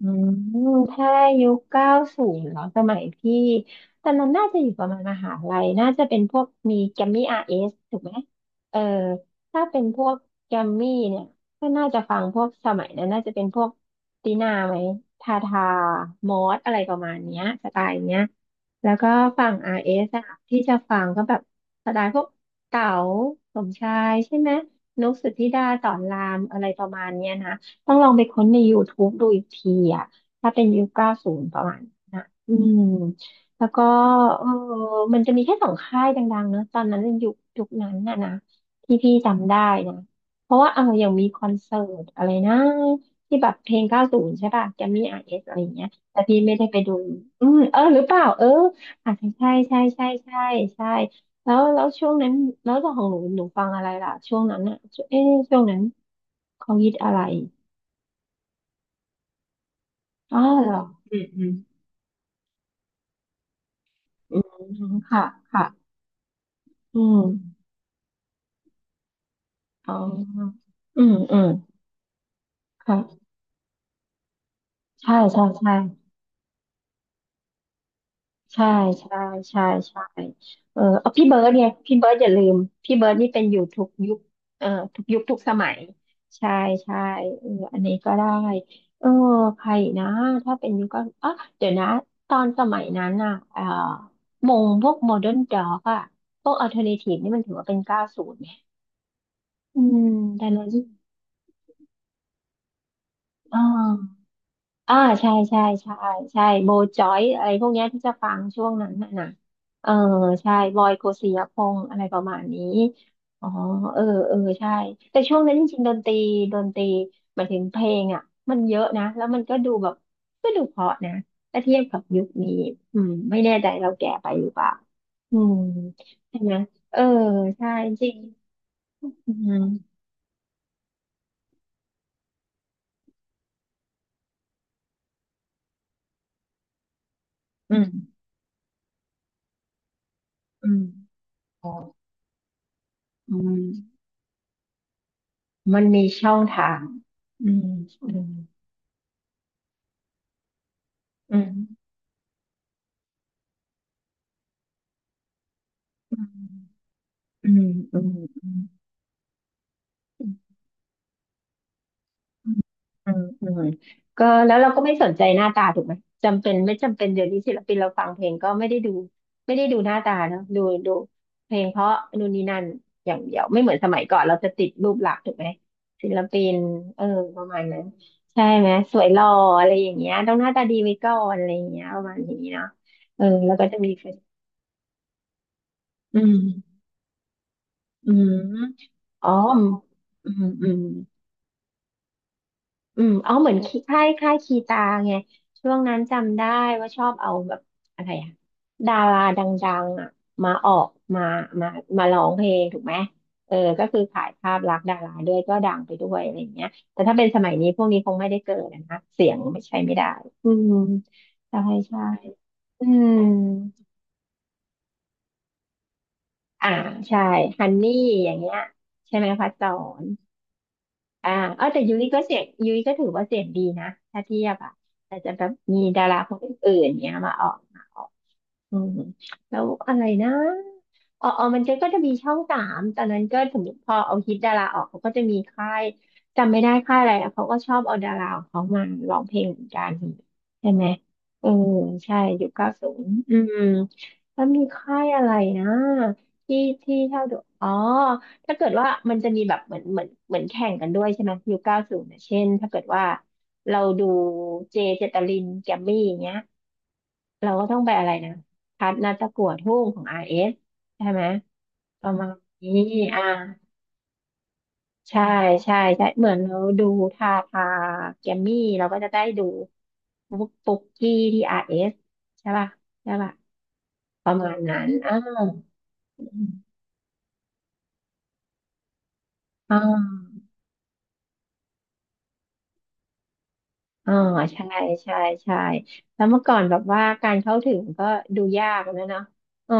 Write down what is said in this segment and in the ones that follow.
อืมถ้ายุคเก้าศูนย์เหรอสมัยพี่ตอนนั้นน่าจะอยู่ประมาณมหาลัยน่าจะเป็นพวกมีแกมมี่อาร์เอสถูกไหมเออถ้าเป็นพวกแกมมี่เนี่ยก็น่าจะฟังพวกสมัยนั้นน่าจะเป็นพวกตีนาไหมทาทามอสอะไรประมาณเนี้ยสไตล์เนี้ยแล้วก็ฝั่ง RS อสอะที่จะฟังก็แบบสไตล์พวกเต๋าสมชายใช่ไหมนุกสุธิดาสอนรามอะไรประมาณเนี้ยนะ ต้องลองไปค้นใน YouTube ดูอีกทีอ่ะถ้าเป็นยุคเก้าศูนย์ประมาณนั้นนะอืมแล้วก็เออมันจะมีแค่สองค่ายดังๆเนอะตอนนั้นในยุคนั้นน่ะนะที่พี่จำได้นะเพราะว่าเอาอย่างมีคอนเสิร์ตอะไรนะที่แบบเพลงเก้าศูนย์ใช่ป่ะแกมมี่อาร์เอสอะไรอย่างเงี้ยแต่พี่ไม่ได้ไปดู อืมเออหรือเปล่าเอออาจจะใช่ใช่ใช่ใช่ใช่แล้วช่วงนั้นแล้วของหนูฟังอะไรล่ะช่วงนั้นอ่ะเอ๊ะช่วงนั้นเขาฮิตอะไร อ๋อเหรอ อืม อืม อืม ค่ะค่ะอืมอ๋ออืม อืม ค่ะ ใช่ใช่ใช่ใช่ใช่ใช่ใช่เออเอาพี่เบิร์ดไงพี่เบิร์ดอย่าลืม พี่เบิร์ดนี่เป็นอยู่ทุกยุคเอ่อ ทุกยุคทุกสมัย ใช่ใช่เอออันนี้ก็ได้ เออ ใครอีกนะ ถ้าเป็นยุคก็อ๋อเดี๋ยวนะ ตอนสมัยนั้นน่ะมงพวกโมเดิร์นด็อกอะพวกอัลเทอร์เนทีฟนี่มันถือว่าเป็นเก้าศูนย์ไหมอืมดังนั้น อ่าอ่าใช่ใช่ใช่ใช่โบจอยอะไรพวกเนี้ยที่จะฟังช่วงนั้นน่ะนะเออใช่บอยโกสิยพงษ์อะไรประมาณนี้อ๋อเออเออใช่แต่ช่วงนั้นจริงๆ ดนตรีหมายถึงเพลงอ่ะมันเยอะนะ แล้วมันก็ดูแบบก็ดูเพราะนะถ้าเทียบกับยุคนี้อืมไม่แน่ใจเราแก่ไปหรือเปล่าอืมใช่ไหม เออ ใช่จริงอืมอืมอืมอ๋ออืม มันมีช่องทางอืมอืมอืมอืมอืมอืมอืมอืมอืมอืมก็แล้วเราก็ไม่สนใจหน้าตาถูกไหมจำเป็นไม่จำเป็นเดี๋ยวนี้ศิลปินเราฟังเพลงก็ไม่ได้ดูหน้าตาเนอะดูดูเพลงเพราะนู่นนี่นั่นอย่างเดียวไม่เหมือนสมัยก่อนเราจะติดรูปลักษณ์ถูกไหมศิลปินเออประมาณนั้นใช่ไหมสวยหล่ออะไรอย่างเงี้ยต้องหน้าตาดีไว้ก่อนอะไรอย่างเงี้ยประมาณนี้เนาะเออแล้วก็จะมีเอืมอืม อ๋ออืมอืมอืมอ๋อาเหมือนคีค่ายคีตาไงช่วงนั้นจำได้ว่าชอบเอาแบบอะไรอะดาราดังๆอะมาออกมามามาร้องเพลงถูกไหมเออก็คือขายภาพลักษณ์ดาราด้วยก็ดังไปด้วยอะไรอย่างเงี้ยแต่ถ้าเป็นสมัยนี้พวกนี้คงไม่ได้เกิดอะนะ เสียงไม่ใช่ไม่ได้อืมใช่ใช่อืมอ่าใช่ฮันนี่อย่างเงี้ยใช่ไหมพัดสอน อ่าเออแต่ยุ้ยก็เสียงยุ้ยก็ถือว่าเสียงดีนะ ถ้าเทียบอ่ะแต่จะแบบมีดาราคนอื่นๆเนี้ยมาออก อืมแล้วอะไรนะอ๋อมันจะก็จะมีช่องสามตอนนั้นก็สมมติพอเอาฮิตดาราออกเขาก็จะมีค่ายจำไม่ได้ค่ายอะไรอะเขาก็ชอบเอาดาราของเขามาร้องเพลงเหมือนกันใช่ไหมเออใช่ยุคเก้าศูนย์อืมแล้วมีค่ายอะไรนะที่ที่เท่าดูอ๋อถ้าเกิดว่ามันจะมีแบบเหมือนแข่งกันด้วยใช่ไหมยุคเก้าศูนย์เช่นถ้าเกิดว่าเราดูเจเจตลินแกมมี่อย่างเงี้ย เราก็ต้องไปอะไรนะคัดนัดตะกวดหุ่งของ RS ใช่ไหม ประมาณนี้ อ่าใช่ใช่ใช่เหมือนเราดูทาทาแกมมี่เราก็จะได้ดูปุ๊กปุ๊กกี้ที่ RS ใช่ป่ะใช่ป่ะประมาณนั้นอ่าอ่าอ่าใช่ใช่ใช่แล้วเมื่อก่อนแบบว่าการเข้าถึงก็ดูยากนะเนาะเออ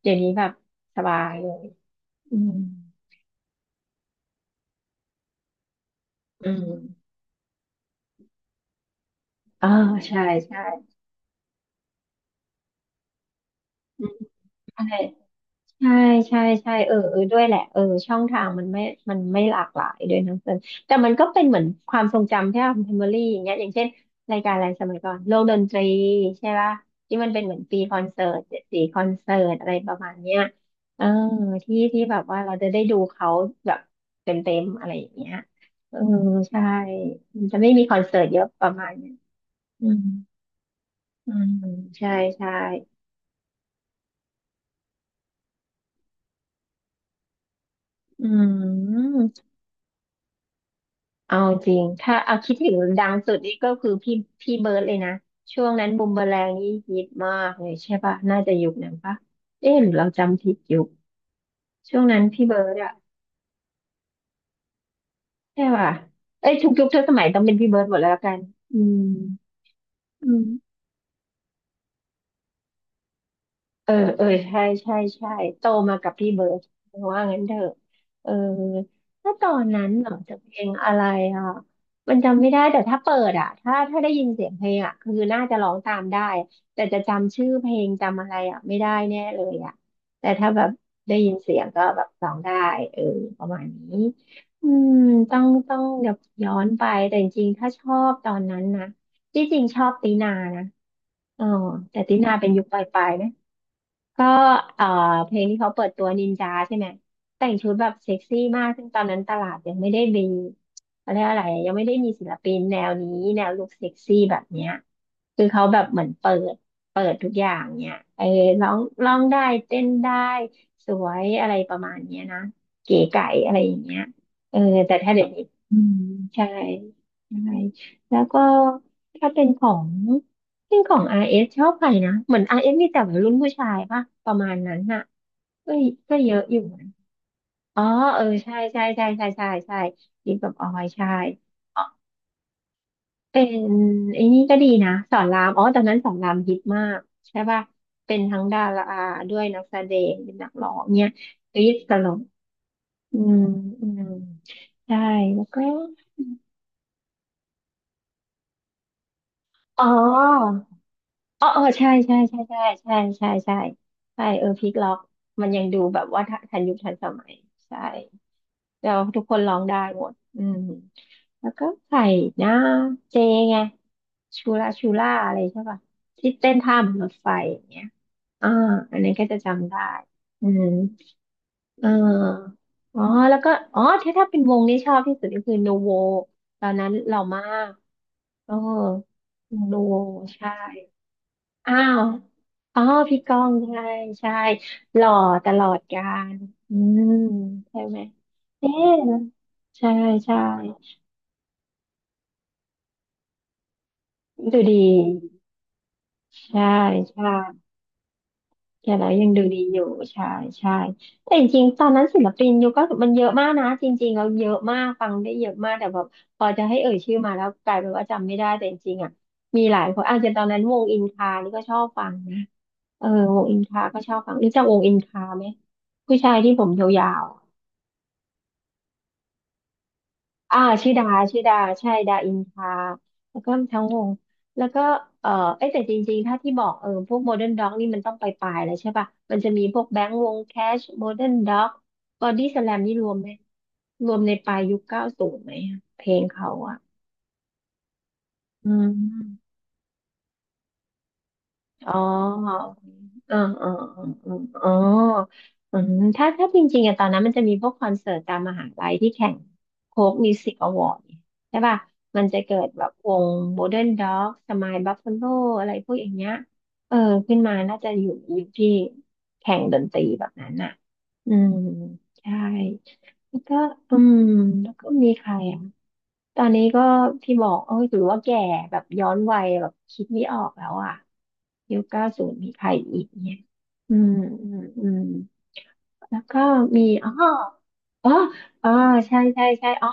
เดี๋ยวนี้แบบสบายเลย อืมอืมอ่าใช่ใช่อืมใช่ ใช่ใช่ใช่เออเออด้วยแหละเออช่องทางมันไม่หลากหลายด้วยทั้งส่้นแต่มันก็เป็นเหมือนความทรงจำที่เราเมมโมรี่อย่างเงี้ยอย่างเช่นรายการอะไรสมัยก่อนโลกดนตรีใช่ป่ะที่มันเป็นเหมือนปีคอนเสิร์ตเจ็ดสีคอนเสิร์ตอะไรประมาณเนี้ยเออที่แบบว่าเราจะได้ดูเขาแบบเต็มอะไรอย่างเงี้ยเออใช่มันจะไม่มีคอนเสิร์ตเยอะประมาณเนี้ยอืมอืมใช่ใช่อืม เอาจริงถ้าเอาคิดถึงดังสุดนี่ก็คือพี่เบิร์ดเลยนะช่วงนั้นบูมเบอแรงนี่ฮิตมากเลยใช่ป่ะน่าจะยุคนั้นป่ะเอ๊ะหรือเราจำผิดยุคช่วงนั้นพี่เบิร์ดอะใช่ป่ะเอ้ยทุกยุคทุกสมัยต้องเป็นพี่เบิร์ดหมดแล้วกันอืมอืม เออเออใช่ใช่ใช่โตมากับพี่เบิร์ดว่างั้นเถอะเออถ้าตอนนั้นเหรอจะเพลงอะไรอ่ะมันจำไม่ได้แต่ถ้าเปิดอ่ะถ้าได้ยินเสียงเพลงอ่ะคือน่าจะร้องตามได้แต่จะจำชื่อเพลงจำอะไรอ่ะไม่ได้แน่เลยอ่ะแต่ถ้าแบบได้ยินเสียงก็แบบร้องได้เออประมาณนี้อืมต้องเดี๋ยวย้อนไปแต่จริงๆถ้าชอบตอนนั้นนะที่จริงชอบตีนานะอ๋อแต่ตีนาเป็นยุคปลายๆนะ ก็เอ่อเพลงที่เขาเปิดตัวนินจาใช่ไหมแต่งชุดแบบเซ็กซี่มากซึ่งตอนนั้นตลาดยังไม่ได้มีเขาเรียกอะไรอะยังไม่ได้มีศิลปินแนวนี้แนวลุคเซ็กซี่แบบเนี้ยคือเขาแบบเหมือนเปิดทุกอย่างเนี่ยเออร้องร้องได้เต้นได้สวยอะไรประมาณเนี้ยนะเก๋ไก๋อะไรอย่างเงี้ยเออแต่ถ้าเดี๋ยวนี้อืมใช่ใช่แล้วก็ถ้าเป็นของ จริงของอ s ชอบใครนะเหมือนอ s มีแต่วัยรุ่นผู้ชายป่ะประมาณนั้นน่ะเอ้ยก็เยอะอยู่นะอ๋อเออใช่ใช่ใช่ใช่ใช่ใช่ิกับออยใช่อ๋อเป็นไอ้นี่ก็ดีนะสอนรามอ๋อตอนนั้นสอนรามฮิตมากใช่ป่ะเป็นทั้งดาราด้วยนักแสดงเป็นนักร้องเนี่ยกรี๊ดตลกอืมอืมใช่แล้วก็อ๋อ อ๋อเออใช่ใช่ใช่ใช่ใช่ใช่ใช่ใช่เออพลิกล็อกมันยังดูแบบว่าทันยุคทันสมัยใช่แล้วทุกคนร้องได้หมดอืมแล้วก็ใส่หน้าเจไงชูล่าชูล่าอะไรใช่ป่ะที่เต้นท่าบนรถไฟอย่างเงี้ยอ่าอันนี้นก็จะจำได้อืมเอออ๋อแล้วก็อ๋อถ้าเป็นวงที่ชอบที่สุดก็คือนูโวตอนนั้นเรามากเออนูโวใช่ อ้าว อ๋อพี่ก้องใช่ใช่หล่อตลอดกาลอืมใช่ไหมเอ๊ะใช่ใช่ดูดีใช่ใช่แก่แล้วยังดูดีอยู่ใช่ใช่แต่จริงๆตอนนั้นศิลปินยุคก็มันเยอะมากนะจริงๆเราเยอะมากฟังได้เยอะมากแต่แบบพอจะให้เอ่ยชื่อมาแล้วกลายเป็นว่าจำไม่ได้แต่จริงๆอ่ะมีหลายคนอาจจะตอนนั้นวงอินคานี่ก็ชอบฟังนะ เออวงอินคา ก็ชอบฟังรู้จักวงอินคาไหมผู้ชายที่ผมยาวๆอะอ่าชื่อดาชื่อดาใช่ดาอินคาแล้วก็ทั้งวงแล้วก็เออเอ้ยแต่จริงๆถ้าที่บอกเออพวกโมเดิร์นด็อกนี่มันต้องไปปลายแล้วใช่ป่ะมันจะมีพวกแบงค์วงแคชโมเดิร์นด็อกบอดี้สแลมนี่รวมไหมรวมในปลายยุคเก้าศูนย์ไหมอะเพลงเขาอ่ะอืม อ๋อเออเออเออเอออ๋ออืมถ้าจริงๆอะตอนนั้นมันจะมีพวกคอนเสิร์ตตามมหาลัยที่แข่งโค้กมิวสิกอวอร์ดใช่ป่ะมันจะเกิดแบบวงโมเดิร์นด็อกสมายบัฟฟาโล อะไรพวกอย่างเงี้ย เออขึ้นมาน่าจะอยู่ยุคที่แข่งดนตรีแบบนั้นอ่ะอืมใช่แล้วก็อืมแล้วก็มีใครอ่ะ ตอนนี้ก็พี่บอกเอ้ยถือว่าแก่แบบย้อนวัยแบบคิดไม่ออกแล้วอ่ะยุคเก้าศูนย์มีใครอีกเนี่ยอืมอืมอืมแล้วก็มีอ๋ออ๋ออ๋อใช่ใช่ใช่อ๋อ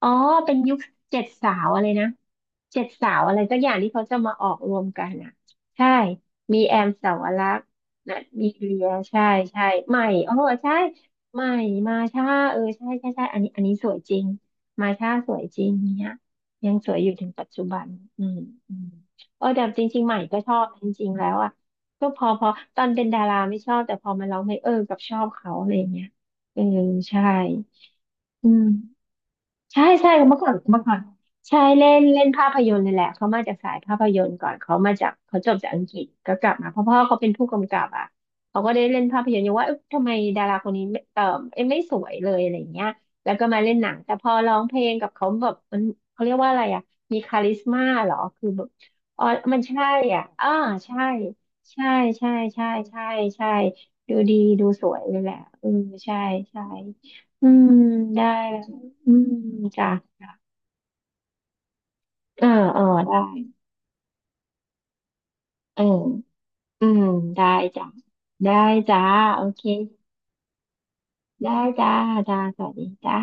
อ๋อเป็นยุคเจ็ดสาวอะไรนะเจ็ดสาวอะไรสักอย่างที่เขาจะมาออกรวมกันอ่ะใช่มีแอมสาวรักษ์นัดมีเลียใช่ใช่ใหม่โอ้โหใช่ใหม่มาช่าเออใช่ใช่ใช่อันนี้อันนี้สวยจริงมาช่าสวยจริงเนี่ยยังสวยอยู่ถึงปัจจุบันอืมอืมเออแต่จริงๆใหม่ก็ชอบจริงๆแล้วอ่ะก็พอพอตอนเป็นดาราไม่ชอบแต่พอมาร้องเพลงเออกับชอบเขาอะไรอย่างเงี้ยเออใช่อืม ใช่ใช่เมื่อก่อนเมื่อก่อนใช่เล่นเล่นภาพยนตร์เลยแหละเขามาจากสายภาพยนตร์ก่อนเขามาจากเขาจบจากอังกฤษก็กลับมาเพราะพ่อเขาเป็นผู้กำกับอ่ะเขาก็ได้เล่นภาพยนตร์อยู่ว่าเอ๊ะทำไมดาราคนนี้ไม่เออเอ๊ะไม่สวยเลยอะไรอย่างเงี้ยแล้วก็มาเล่นหนังแต่พอร้องเพลงกับเขาแบบมันเขาเรียกว่าอะไรอ่ะมีคาลิสมาเหรอคือแบบอ๋อมันใช่อ่ะอ่าใช่ใช่ใช่ใช่ใช่ใช่ดูดีดูสวยเลยแหละเออใช่ใช่อืมได้ อืมจ้ะเออเออได้เอออืมได้จ้ะได้จ้าโอเคได้จ้าจ้าสวัสดีจ้า